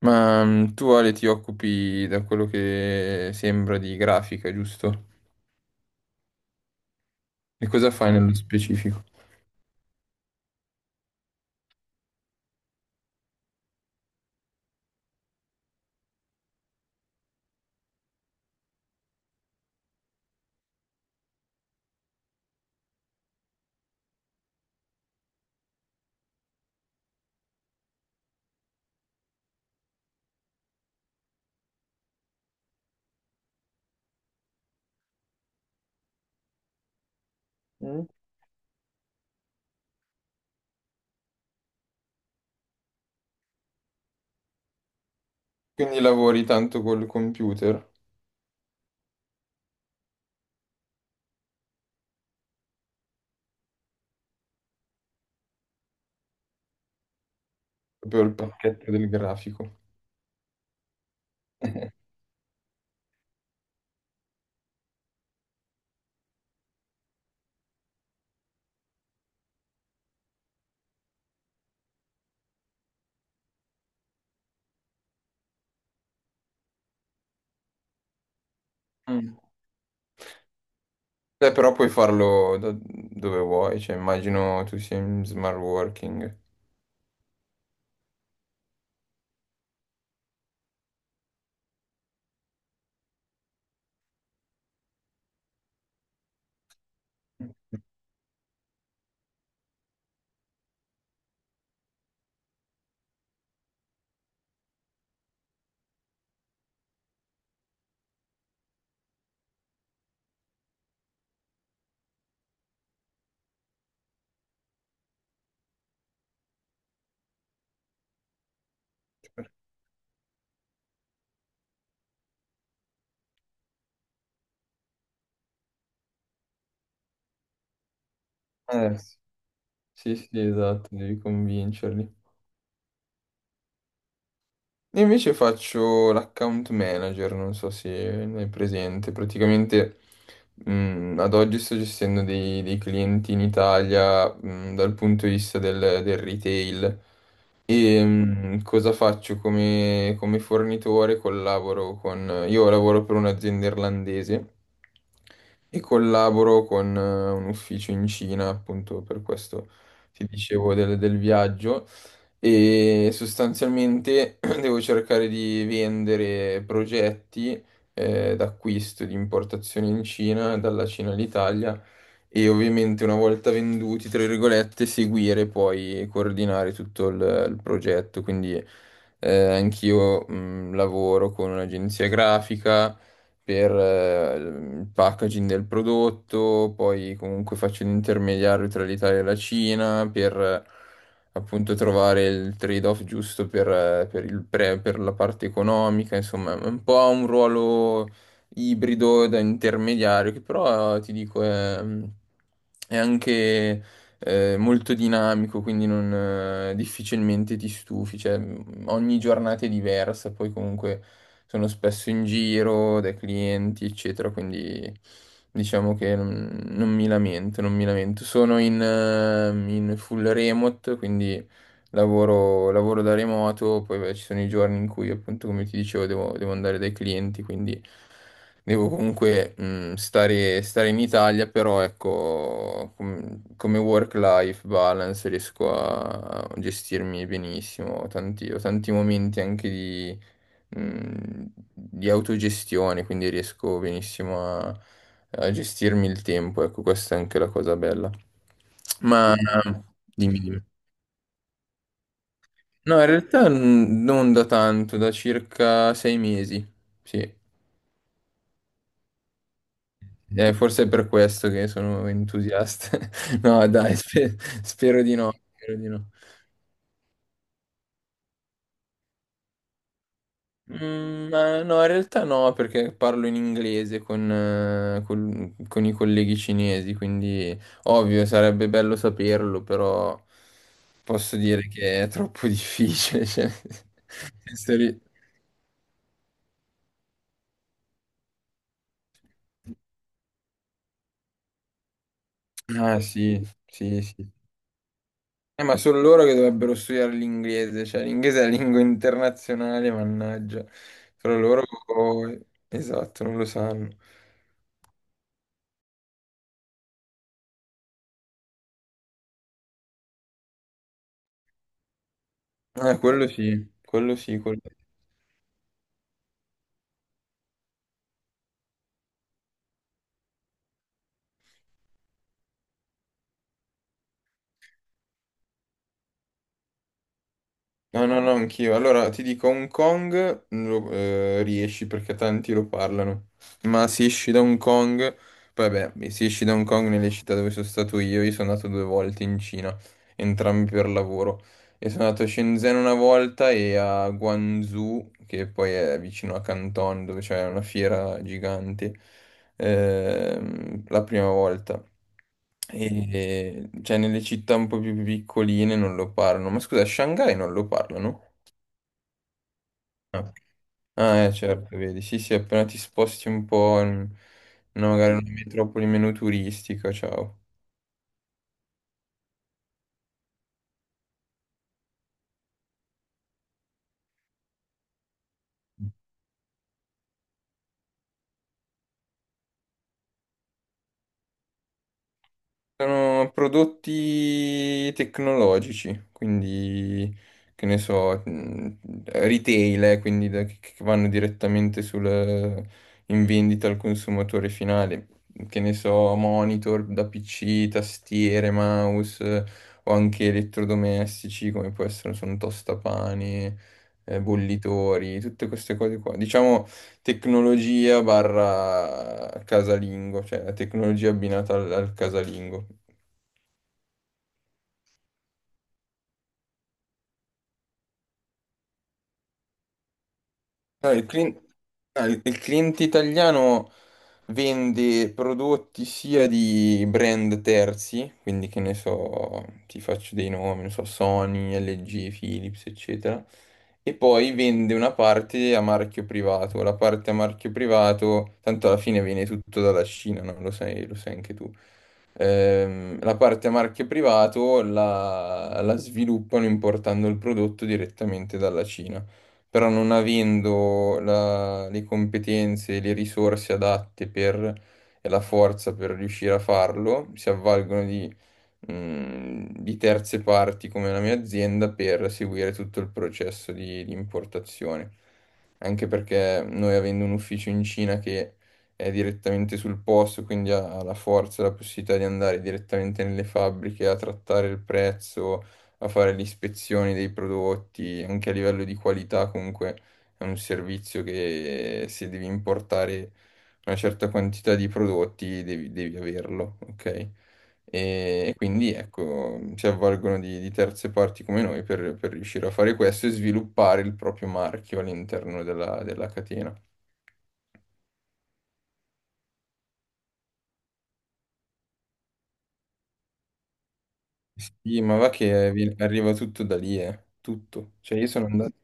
Tu Ale ti occupi da quello che sembra di grafica, giusto? E cosa fai nello specifico? Mm. Quindi lavori tanto col computer, proprio il pacchetto del grafico. Mm. Beh, però puoi farlo da dove vuoi, cioè immagino tu sia in smart working. Sì, sì, sì, esatto, devi convincerli. Io invece faccio l'account manager, non so se ne hai presente. Praticamente ad oggi sto gestendo dei clienti in Italia dal punto di vista del retail. E cosa faccio come, come fornitore? Collaboro con... Io lavoro per un'azienda irlandese e collaboro con un ufficio in Cina, appunto per questo ti dicevo del viaggio e sostanzialmente devo cercare di vendere progetti d'acquisto, di importazione in Cina, dalla Cina all'Italia e ovviamente una volta venduti, tra virgolette, seguire poi e coordinare tutto il progetto. Quindi anch'io lavoro con un'agenzia grafica per il packaging del prodotto, poi comunque faccio l'intermediario tra l'Italia e la Cina per appunto trovare il trade-off giusto per per la parte economica, insomma, è un po' un ruolo ibrido da intermediario, che però ti dico è anche molto dinamico, quindi non, difficilmente ti stufi, cioè ogni giornata è diversa, poi comunque sono spesso in giro dai clienti, eccetera, quindi diciamo che non mi lamento, non mi lamento. Sono in full remote, quindi lavoro da remoto, poi beh, ci sono i giorni in cui appunto come ti dicevo devo andare dai clienti, quindi devo comunque stare in Italia, però ecco come work-life balance riesco a gestirmi benissimo, ho tanti momenti anche mh, di autogestione, quindi riesco benissimo a gestirmi il tempo, ecco questa è anche la cosa bella. Ma Sì, dimmi, dimmi. No, in realtà non da tanto, da circa 6 mesi. Sì, eh, forse è per questo che sono entusiasta. No, dai, spero di no, spero di no. Ma no, in realtà no, perché parlo in inglese con, con i colleghi cinesi, quindi ovvio, sarebbe bello saperlo, però posso dire che è troppo difficile. cioè, nel senso, ri- Ah, sì, sì, sì. Ma sono loro che dovrebbero studiare l'inglese, cioè l'inglese è la lingua internazionale, mannaggia. Però loro, esatto, non lo sanno. Quello sì, quello sì, quello- No, no, no, anch'io. Allora, ti dico, Hong Kong lo, riesci perché tanti lo parlano, ma se esci da Hong Kong, poi vabbè, se esci da Hong Kong nelle città dove sono stato io sono andato 2 volte in Cina, entrambi per lavoro. E sono andato a Shenzhen una volta e a Guangzhou, che poi è vicino a Canton, dove c'è una fiera gigante, la prima volta. E cioè nelle città un po' più piccoline non lo parlano. Ma scusa, a Shanghai non lo parlano? No. Ah, certo, vedi. Sì, sì, appena ti sposti un po' in, in magari una metropoli meno turistica, ciao. Sono prodotti tecnologici, quindi che ne so, retail, quindi che vanno direttamente sul, in vendita al consumatore finale. Che ne so, monitor da PC, tastiere, mouse o anche elettrodomestici come può essere, sono tostapane, bollitori, tutte queste cose qua. Diciamo tecnologia barra casalingo, cioè la tecnologia abbinata al, al casalingo. No, il clin- no, il cliente italiano vende prodotti sia di brand terzi, quindi che ne so, ti faccio dei nomi, non so, Sony, LG, Philips, eccetera, e poi vende una parte a marchio privato. La parte a marchio privato, tanto alla fine viene tutto dalla Cina, no? Lo sai anche tu. La parte a marchio privato la sviluppano importando il prodotto direttamente dalla Cina però non avendo le competenze e le risorse adatte per, e la forza per riuscire a farlo, si avvalgono di terze parti come la mia azienda per seguire tutto il processo di importazione. Anche perché noi avendo un ufficio in Cina che è direttamente sul posto, quindi ha la forza e la possibilità di andare direttamente nelle fabbriche a trattare il prezzo a fare le ispezioni dei prodotti, anche a livello di qualità comunque è un servizio che se devi importare una certa quantità di prodotti devi averlo, ok? E quindi ecco, si avvalgono di terze parti come noi per riuscire a fare questo e sviluppare il proprio marchio all'interno della, della catena. Sì, ma va che arriva tutto da lì, tutto. Cioè io sono andato...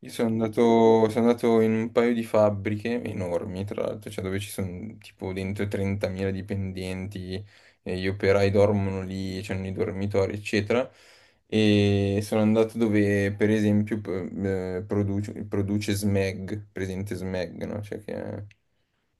Io sono andato in un paio di fabbriche enormi, tra l'altro, cioè dove ci sono tipo dentro 30.000 dipendenti, e gli operai dormono lì, c'hanno i dormitori, eccetera. E sono andato dove, per esempio, produce Smeg, presente Smeg, no? Cioè che è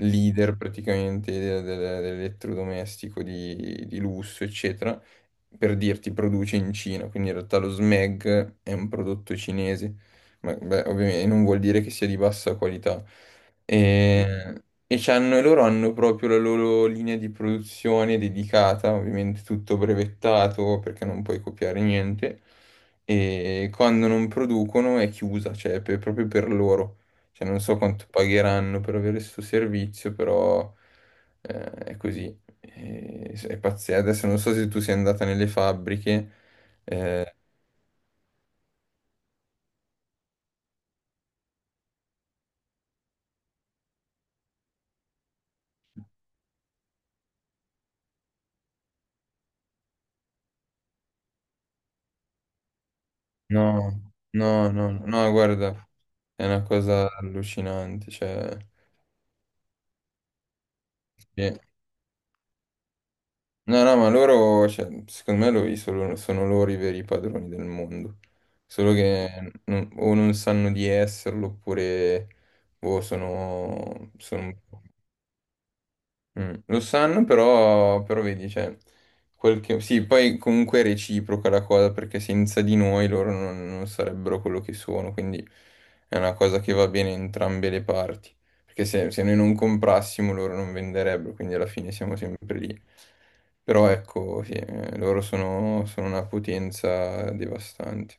leader praticamente dell'elettrodomestico di lusso, eccetera. Per dirti, produce in Cina, quindi in realtà lo Smeg è un prodotto cinese beh, ovviamente non vuol dire che sia di bassa qualità. Mm. E, loro hanno proprio la loro linea di produzione dedicata, ovviamente tutto brevettato perché non puoi copiare niente. E quando non producono è chiusa, cioè proprio per loro. Cioè, non so quanto pagheranno per avere questo servizio, però è così. E- È pazzesco. Adesso non so se tu sei andata nelle fabbriche. No, no, no, no, guarda, è una cosa allucinante, cioè, sì. No, no, ma loro, cioè, secondo me sono loro i veri padroni del mondo, solo che o non sanno di esserlo oppure boh, sono lo sanno, però, però vedi, cioè, quel che- sì, poi comunque è reciproca la cosa, perché senza di noi loro non sarebbero quello che sono, quindi è una cosa che va bene in entrambe le parti, perché se noi non comprassimo loro non venderebbero, quindi alla fine siamo sempre lì. Però ecco, sì, loro sono una potenza devastante.